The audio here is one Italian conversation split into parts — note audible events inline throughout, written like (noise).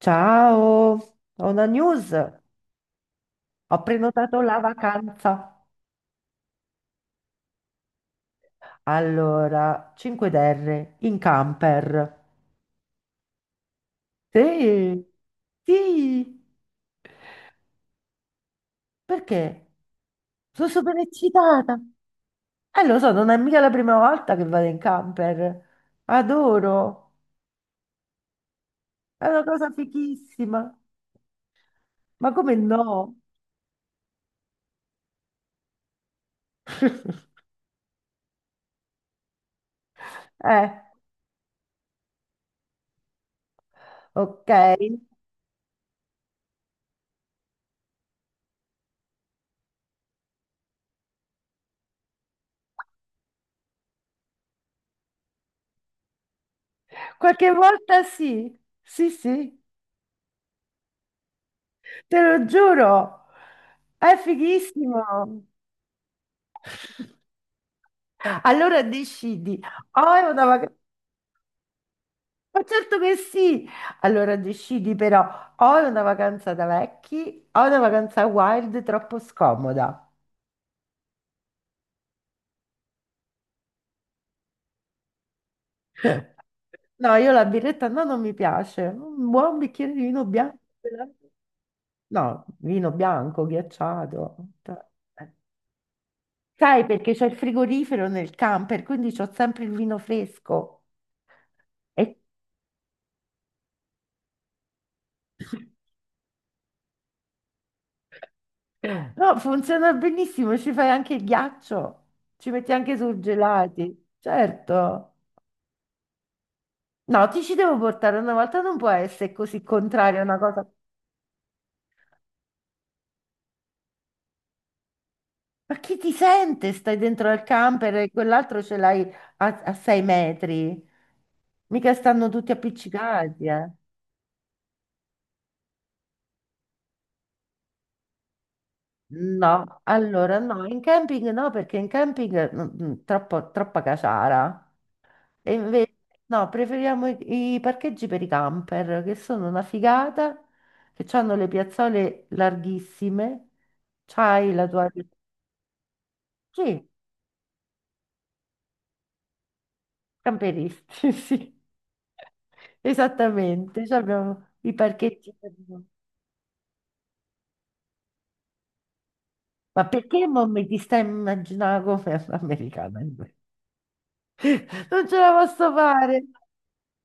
Ciao, ho una news. Ho prenotato la vacanza. Allora, 5DR in camper. Sì, sì, perché? Sono super eccitata. Lo so, non è mica la prima volta che vado in camper. Adoro, è una cosa fichissima. Ma come no? (laughs) Eh, ok. Qualche volta sì, sì, sì. Te lo giuro, è fighissimo. Allora decidi, o è una vacanza, ma certo che sì. Allora decidi però, o è una vacanza da vecchi, o è una vacanza wild troppo scomoda. No, io la birretta no, non mi piace. Un buon bicchiere di vino bianco. No, vino bianco, ghiacciato. Sai, perché c'è il frigorifero nel camper, quindi c'ho sempre il vino fresco. E No, funziona benissimo, ci fai anche il ghiaccio, ci metti anche sul gelati, certo. No, ti ci devo portare una volta, non può essere così contraria una cosa. Ma chi ti sente? Stai dentro al camper e quell'altro ce l'hai a 6 metri. Mica stanno tutti appiccicati, eh. No, allora no, in camping no, perché in camping troppa caciara. E invece, no, preferiamo i parcheggi per i camper, che sono una figata, che hanno le piazzole larghissime, c'hai la tua... Sì, camperisti, (laughs) sì, esattamente, cioè abbiamo i parcheggi per... Ma perché mo mi ti stai immaginando come americana? (laughs) Non ce la posso fare!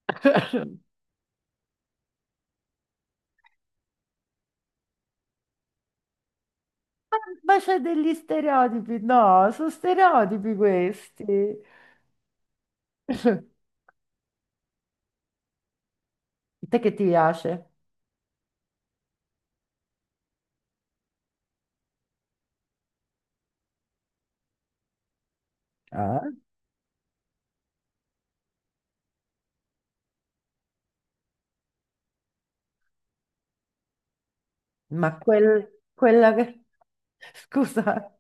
(laughs) Ma c'è degli stereotipi? No, sono stereotipi questi. (laughs) A te che ti piace? Eh? Ma quella che... Scusa.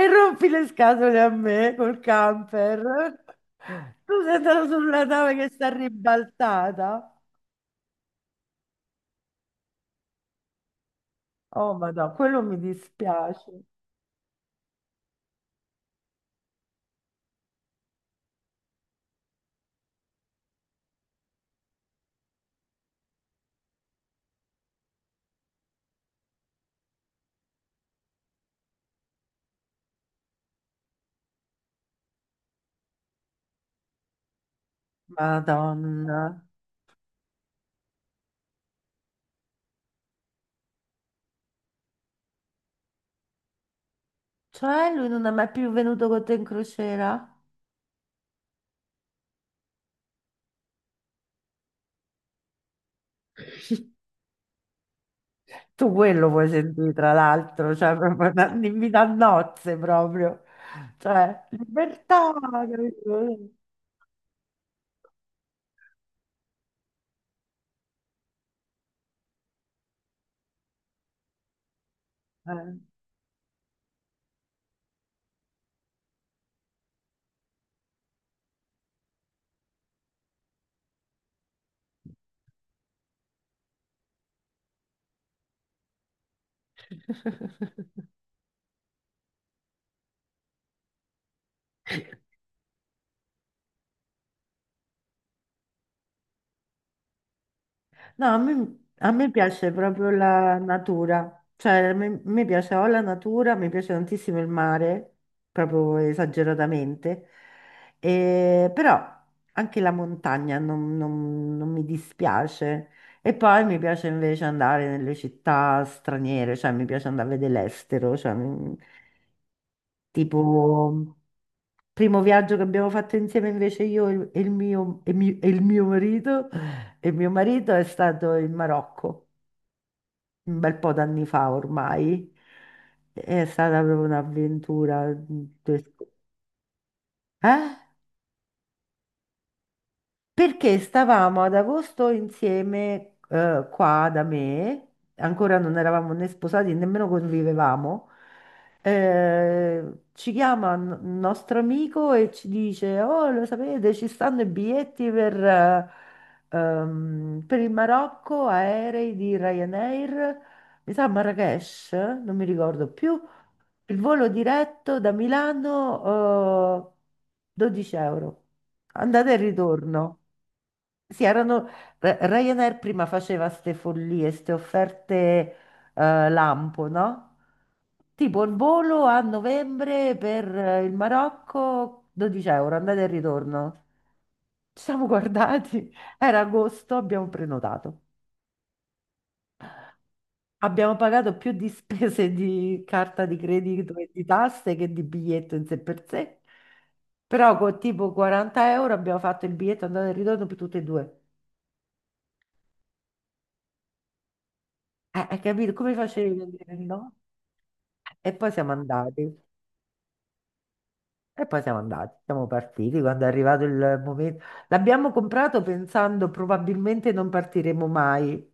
E rompi le scatole a me col camper. Tu sei andato sulla nave che sta ribaltata. Oh, madonna, quello mi dispiace. Madonna. Cioè, lui non è mai più venuto con te in crociera? (laughs) Tu quello puoi sentire, tra l'altro, cioè, proprio un invito a nozze proprio. Cioè, libertà, capito? Eh. No, a me piace proprio la natura, cioè a me, mi piace o la natura, mi piace tantissimo il mare, proprio esageratamente. Però anche la montagna non mi dispiace. E poi mi piace invece andare nelle città straniere, cioè mi piace andare a vedere l'estero, cioè, tipo primo viaggio che abbiamo fatto insieme invece io e il mio, e mio marito è stato in Marocco un bel po' d'anni fa ormai. È stata proprio un'avventura. Eh? Perché stavamo ad agosto insieme qua da me, ancora non eravamo né sposati, nemmeno convivevamo. Ci chiama un nostro amico e ci dice: "Oh, lo sapete, ci stanno i biglietti per il Marocco, aerei di Ryanair, mi sa Marrakesh, non mi ricordo più. Il volo diretto da Milano, 12 euro, andata e ritorno." Sì, erano, Ryanair prima faceva ste follie, ste offerte lampo, no? Tipo il volo a novembre per il Marocco, 12 euro, andata e ritorno. Ci siamo guardati, (laughs) era agosto, abbiamo prenotato. Abbiamo pagato più di spese di carta di credito e di tasse che di biglietto in sé per sé, però con tipo 40 € abbiamo fatto il biglietto andata e ritorno per tutte e due. Hai capito? Come facevi a dire di no? E poi siamo andati, e poi siamo andati, siamo partiti quando è arrivato il momento. L'abbiamo comprato pensando probabilmente non partiremo mai.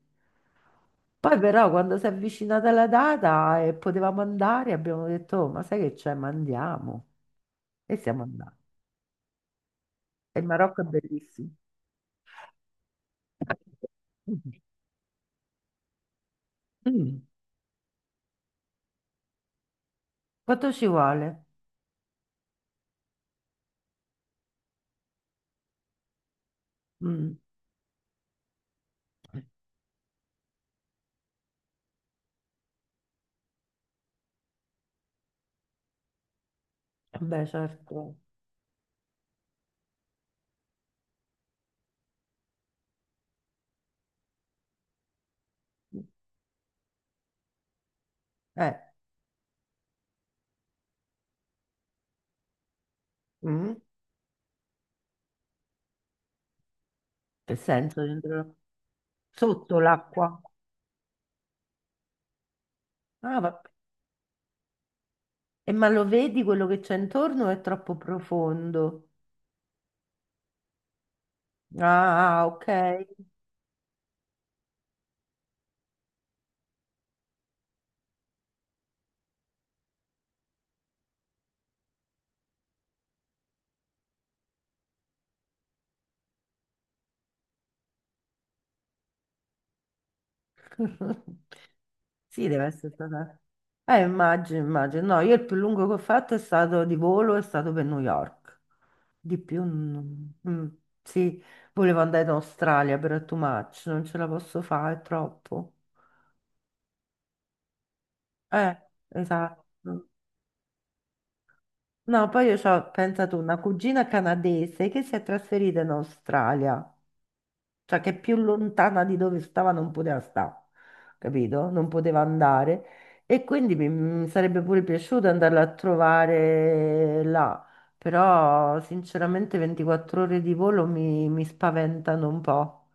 Poi però quando si è avvicinata la data e potevamo andare, abbiamo detto: "Oh, ma sai che c'è, ma andiamo." E siamo andati. E il Marocco è bellissimo. Mm. Quanto ci vuole? Mm. Beh, certo. Eh, mm. Che senso dentro? Sotto l'acqua. Ah, vabbè. E ma lo vedi quello che c'è intorno o è troppo profondo? Ah, ok. (laughs) Sì, deve essere stata... immagino, immagino. No, io il più lungo che ho fatto è stato di volo, è stato per New York. Di più, sì, volevo andare in Australia, però è too much, non ce la posso fare, è troppo. Eh, esatto. No, poi io ho pensato, una cugina canadese che si è trasferita in Australia. Cioè che più lontana di dove stava non poteva stare, capito? Non poteva andare. E quindi mi sarebbe pure piaciuto andarla a trovare là, però sinceramente 24 ore di volo mi spaventano un po',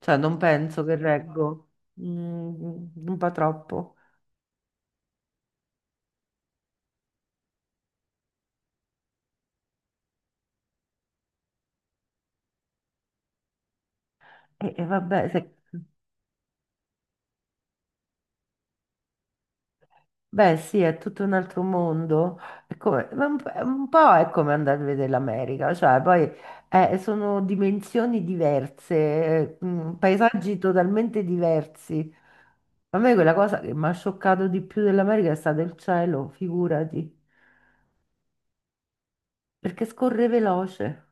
cioè non penso che reggo. Mm, un po' troppo. E vabbè, se... Beh, sì, è tutto un altro mondo. Ma un po' è come andare a vedere l'America, cioè poi sono dimensioni diverse, paesaggi totalmente diversi. A me quella cosa che mi ha scioccato di più dell'America è stato il cielo, figurati, perché scorre veloce,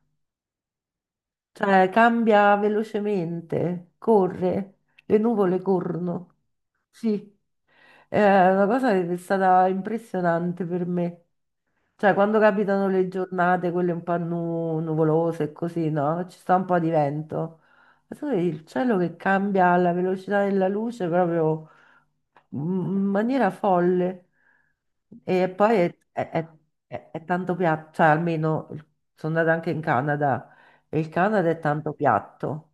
cioè cambia velocemente, corre, le nuvole corrono. Sì, è una cosa che è stata impressionante per me. Cioè, quando capitano le giornate, quelle un po' nuvolose e così, no? Ci sta un po' di vento. Ma tu vedi il cielo che cambia alla velocità della luce proprio in maniera folle. E poi è tanto piatto, cioè almeno sono andata anche in Canada e il Canada è tanto piatto.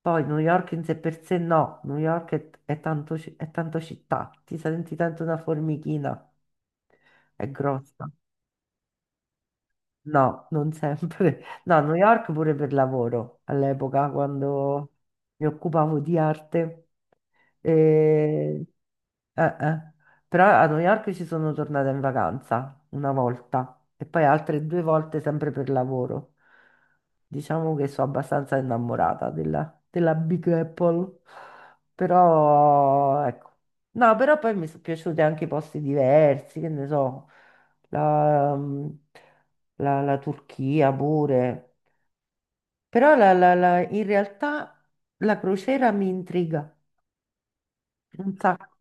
Poi New York in sé per sé no, New York è tanto città, ti senti tanto una formichina, è grossa. No, non sempre. No, a New York pure per lavoro all'epoca, quando mi occupavo di arte. E... eh, eh. Però a New York ci sono tornata in vacanza una volta e poi altre due volte sempre per lavoro. Diciamo che sono abbastanza innamorata della Big Apple. Però, ecco. No, però poi mi sono piaciuti anche i posti diversi, che ne so. La, la Turchia pure, però in realtà la crociera mi intriga un sacco.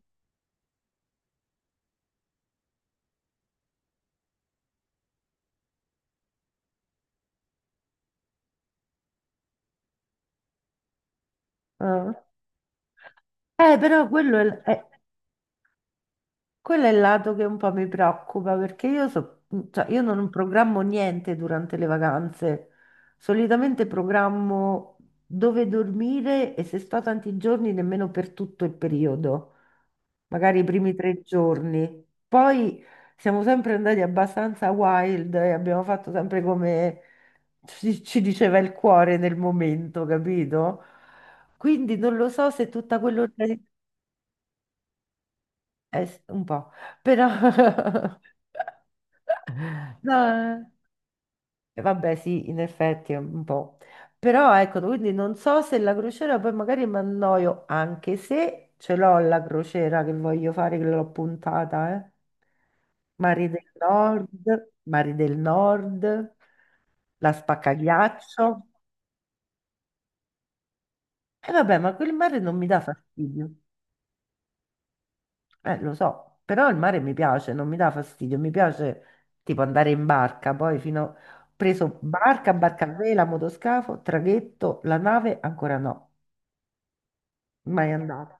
Eh, però quello è- Quello è il lato che un po' mi preoccupa perché io, cioè, io non programmo niente durante le vacanze. Solitamente programmo dove dormire e se sto tanti giorni nemmeno per tutto il periodo, magari i primi 3 giorni. Poi siamo sempre andati abbastanza wild e abbiamo fatto sempre come ci diceva il cuore nel momento, capito? Quindi non lo so se tutta quella un po', però... (laughs) No, vabbè, sì, in effetti è un po'. Però ecco, quindi non so se la crociera poi magari mi annoio, anche se ce l'ho la crociera che voglio fare, che l'ho puntata, eh. Mari del Nord, Mari del Nord, la Spaccaghiaccio. E vabbè, ma quel mare non mi dà fastidio. Lo so, però il mare mi piace, non mi dà fastidio, mi piace tipo andare in barca, poi fino... Ho preso barca, barca a vela, motoscafo, traghetto, la nave, ancora no, mai andata.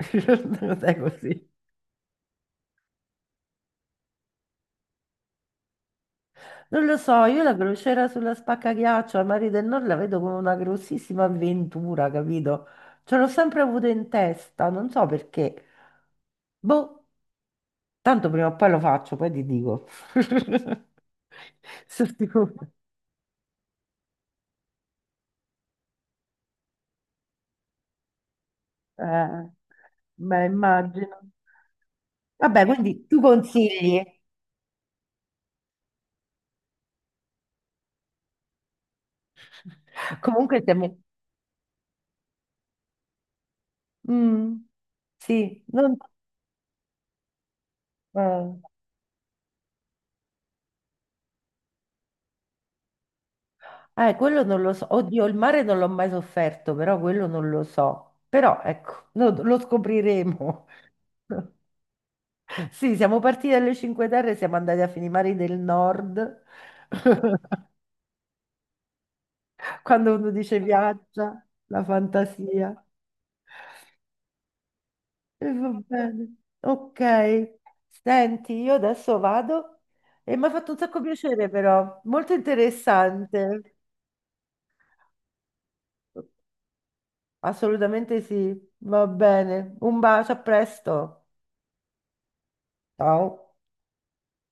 (laughs) Non è così. Non lo so, io la crociera sulla Spaccaghiaccio al Mare del Nord la vedo come una grossissima avventura, capito? Ce l'ho sempre avuto in testa, non so perché. Boh, tanto prima o poi lo faccio, poi ti dico. (laughs) Sono sicura. Eh, beh, immagino. Vabbè, quindi tu consigli. Comunque siamo... Mm, sì, non... eh. Quello non lo so. Oddio, il mare non l'ho mai sofferto, però quello non lo so. Però ecco, lo scopriremo. (laughs) Sì, siamo partiti dalle Cinque Terre, siamo andati a Finimari del Nord. (laughs) Quando uno dice viaggia, la fantasia. E va bene. Ok, senti, io adesso vado e mi ha fatto un sacco piacere però, molto interessante. Assolutamente sì, va bene. Un bacio, a presto. Ciao.